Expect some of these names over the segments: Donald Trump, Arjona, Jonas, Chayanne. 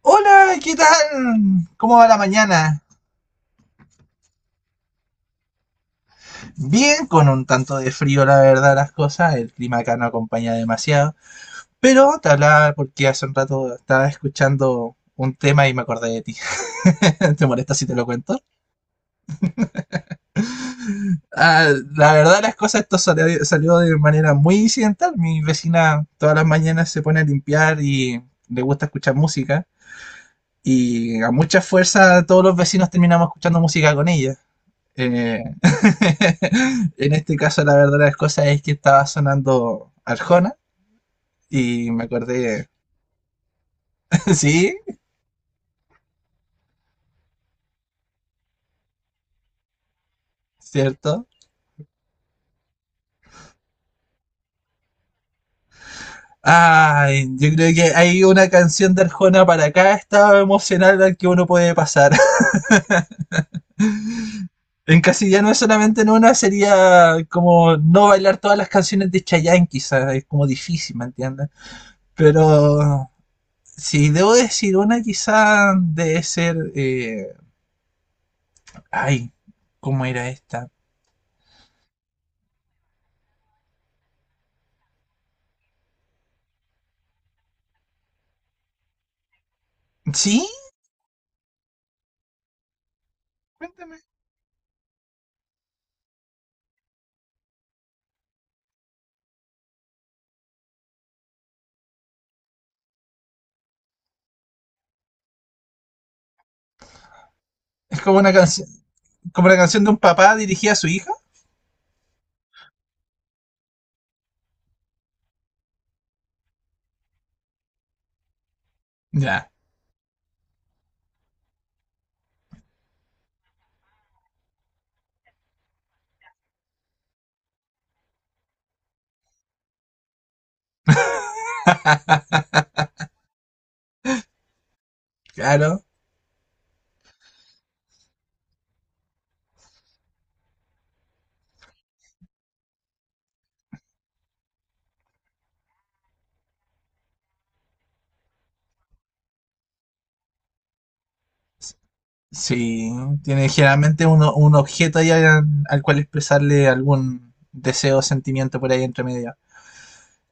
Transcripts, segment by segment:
Hola, ¿qué tal? ¿Cómo va la mañana? Bien, con un tanto de frío, la verdad, las cosas. El clima acá no acompaña demasiado. Pero te hablaba porque hace un rato estaba escuchando un tema y me acordé de ti. ¿Te molesta si te lo cuento? Ah, la verdad, las cosas, esto salió de manera muy incidental. Mi vecina todas las mañanas se pone a limpiar y le gusta escuchar música. Y a mucha fuerza todos los vecinos terminamos escuchando música con ella. Eh, en este caso, la verdad de las cosas es que estaba sonando Arjona y me acordé, sí, cierto. Ay, yo creo que hay una canción de Arjona para cada estado emocional al que uno puede pasar. En casillano es solamente en una, sería como no bailar todas las canciones de Chayanne, quizás, es como difícil, ¿me entiendes? Pero si debo decir una, quizás debe ser, ay, ¿cómo era esta? Sí, cuéntame. Es como una canción, como la canción de un papá dirigida a su hija. Ya, claro. Sí, tiene generalmente uno, un objeto ahí al cual expresarle algún deseo o sentimiento por ahí entre medio.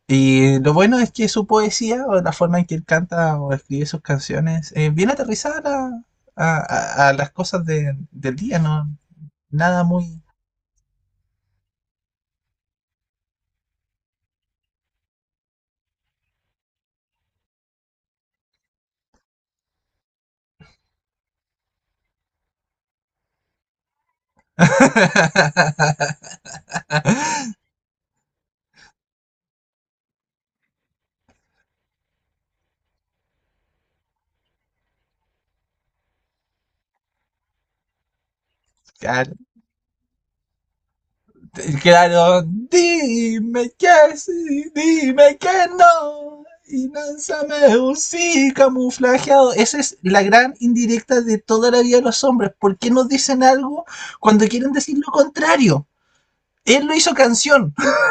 Y lo bueno es que su poesía o la forma en que él canta o escribe sus canciones es bien aterrizada a las cosas del día, ¿no? Nada muy... Claro. Claro, dime que sí, dime que no. Y lánzame un sí camuflajeado. Esa es la gran indirecta de toda la vida de los hombres. ¿Por qué no dicen algo cuando quieren decir lo contrario? Él lo hizo canción.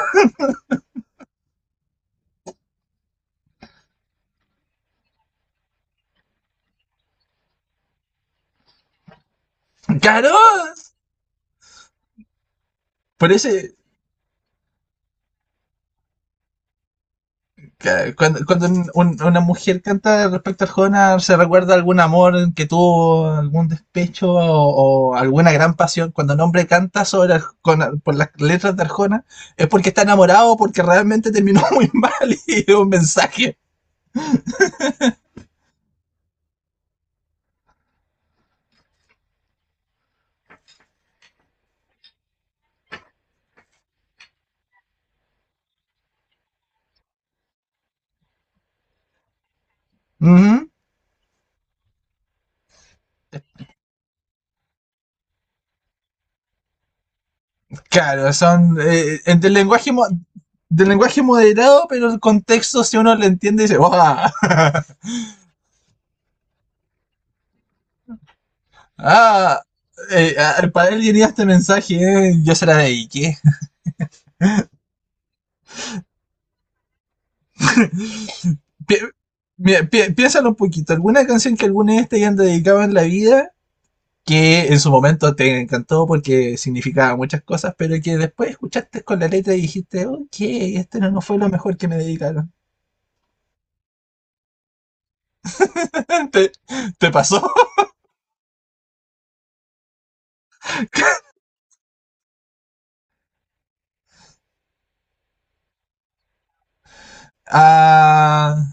Claro. Por ese, cuando una mujer canta respecto al Jonas, ¿se recuerda algún amor que tuvo, algún despecho o alguna gran pasión? Cuando un hombre canta sobre por las letras de Arjona, es porque está enamorado o porque realmente terminó muy mal y es un mensaje. Ujú. Claro, son del lenguaje del lenguaje moderado, pero el contexto, si uno lo entiende, dice, ¡ah! ah, para él diría este mensaje, yo se la dediqué. pi- Mira, piénsalo un poquito. ¿Alguna canción que alguna vez te hayan dedicado en la vida que en su momento te encantó porque significaba muchas cosas, pero que después escuchaste con la letra y dijiste, ok, este no, no fue lo mejor que me dedicaron? ¿Te, te pasó? Ah,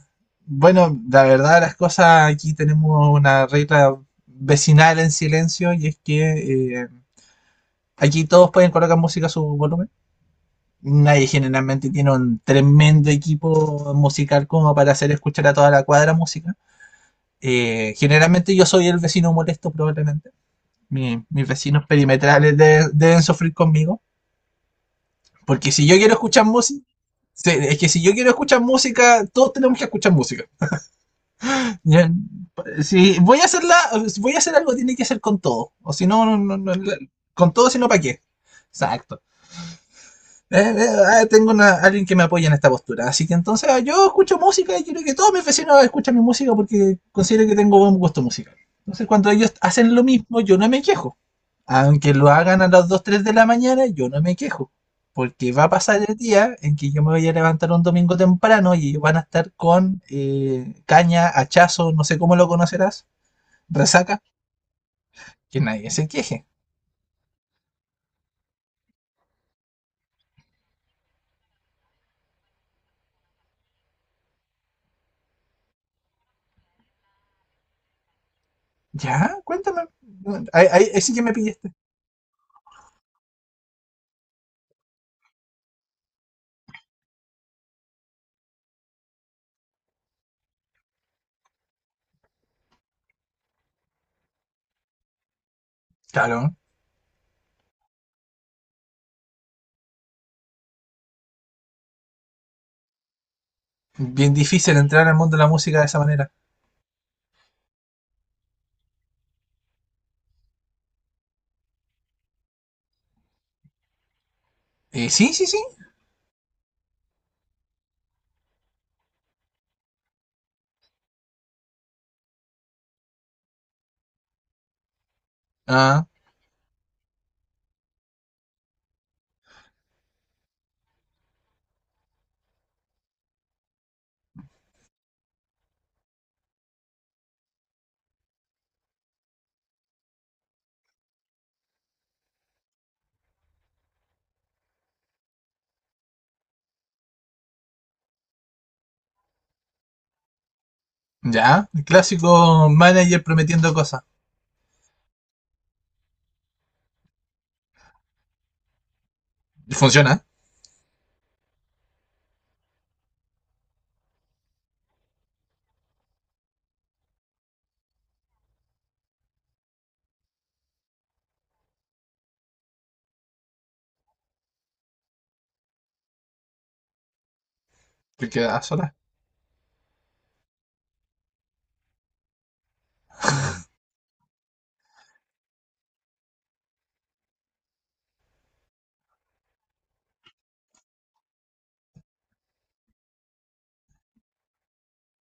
bueno, la verdad, las cosas aquí tenemos una regla vecinal en silencio y es que aquí todos pueden colocar música a su volumen. Nadie generalmente tiene un tremendo equipo musical como para hacer escuchar a toda la cuadra música. Generalmente yo soy el vecino molesto probablemente. Mis vecinos perimetrales deben sufrir conmigo. Porque si yo quiero escuchar música, sí, es que si yo quiero escuchar música, todos tenemos que escuchar música. Si voy a hacerla, si voy a hacer algo, tiene que ser con todo. O si no, con todo, si no, ¿para qué? Exacto. Tengo alguien que me apoya en esta postura. Así que entonces yo escucho música y quiero que todos mis vecinos escuchen mi música porque considero que tengo buen gusto musical. Entonces cuando ellos hacen lo mismo, yo no me quejo. Aunque lo hagan a las 2 3 de la mañana, yo no me quejo. Porque va a pasar el día en que yo me voy a levantar un domingo temprano y van a estar con caña, hachazo, no sé cómo lo conocerás, resaca, que nadie se queje. Ya, cuéntame. Ahí sí que me pillaste. Claro. Bien difícil entrar al mundo de la música de esa manera. Sí, sí, sí. Ah, ya. El clásico manager prometiendo cosas. Funciona. Te queda sola.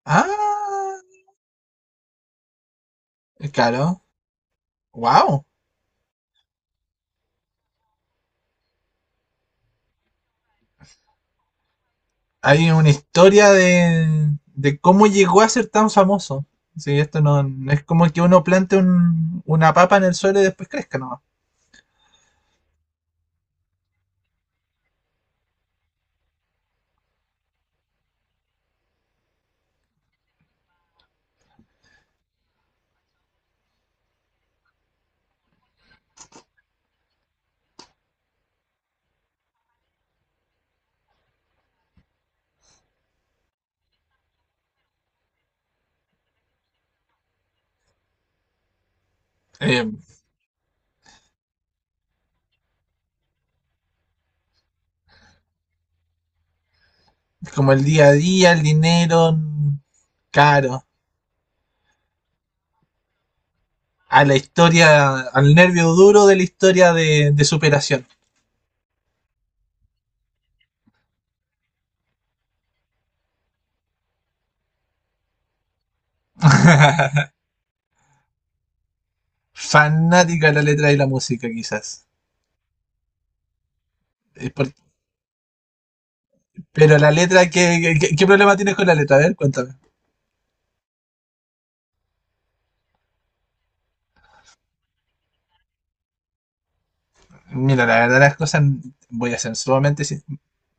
Ah, claro. Wow. Hay una historia de cómo llegó a ser tan famoso. Sí, esto no, no es como que uno plante una papa en el suelo y después crezca, no. Eh, es como el día a día, el dinero mm, caro, a la historia, al nervio duro de la historia de superación. Fanática de la letra y la música, quizás. Es por- Pero la letra, ¿qué, qué, qué problema tienes con la letra? A ver, cuéntame. Mira, la verdad las cosas, voy a ser sumamente, sin-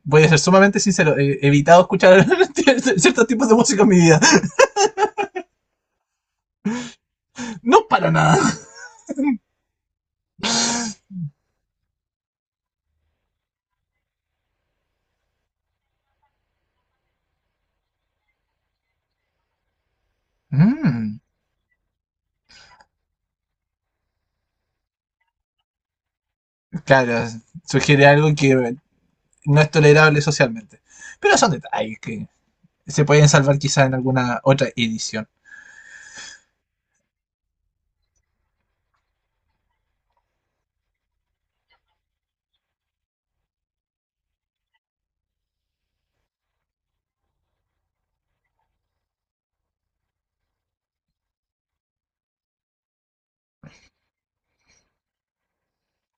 voy a ser sumamente sincero. He evitado escuchar ciertos tipos de música en mi vida. No para nada. Mm, claro, sugiere algo que no es tolerable socialmente. Pero son detalles que se pueden salvar quizás en alguna otra edición.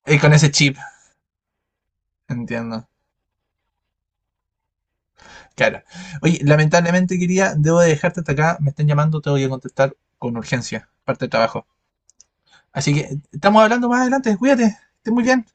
Y con ese chip, entiendo. Claro. Oye, lamentablemente, quería, debo de dejarte hasta acá. Me están llamando, te voy a contestar con urgencia, parte de trabajo. Así que estamos hablando más adelante. Cuídate, estés muy bien.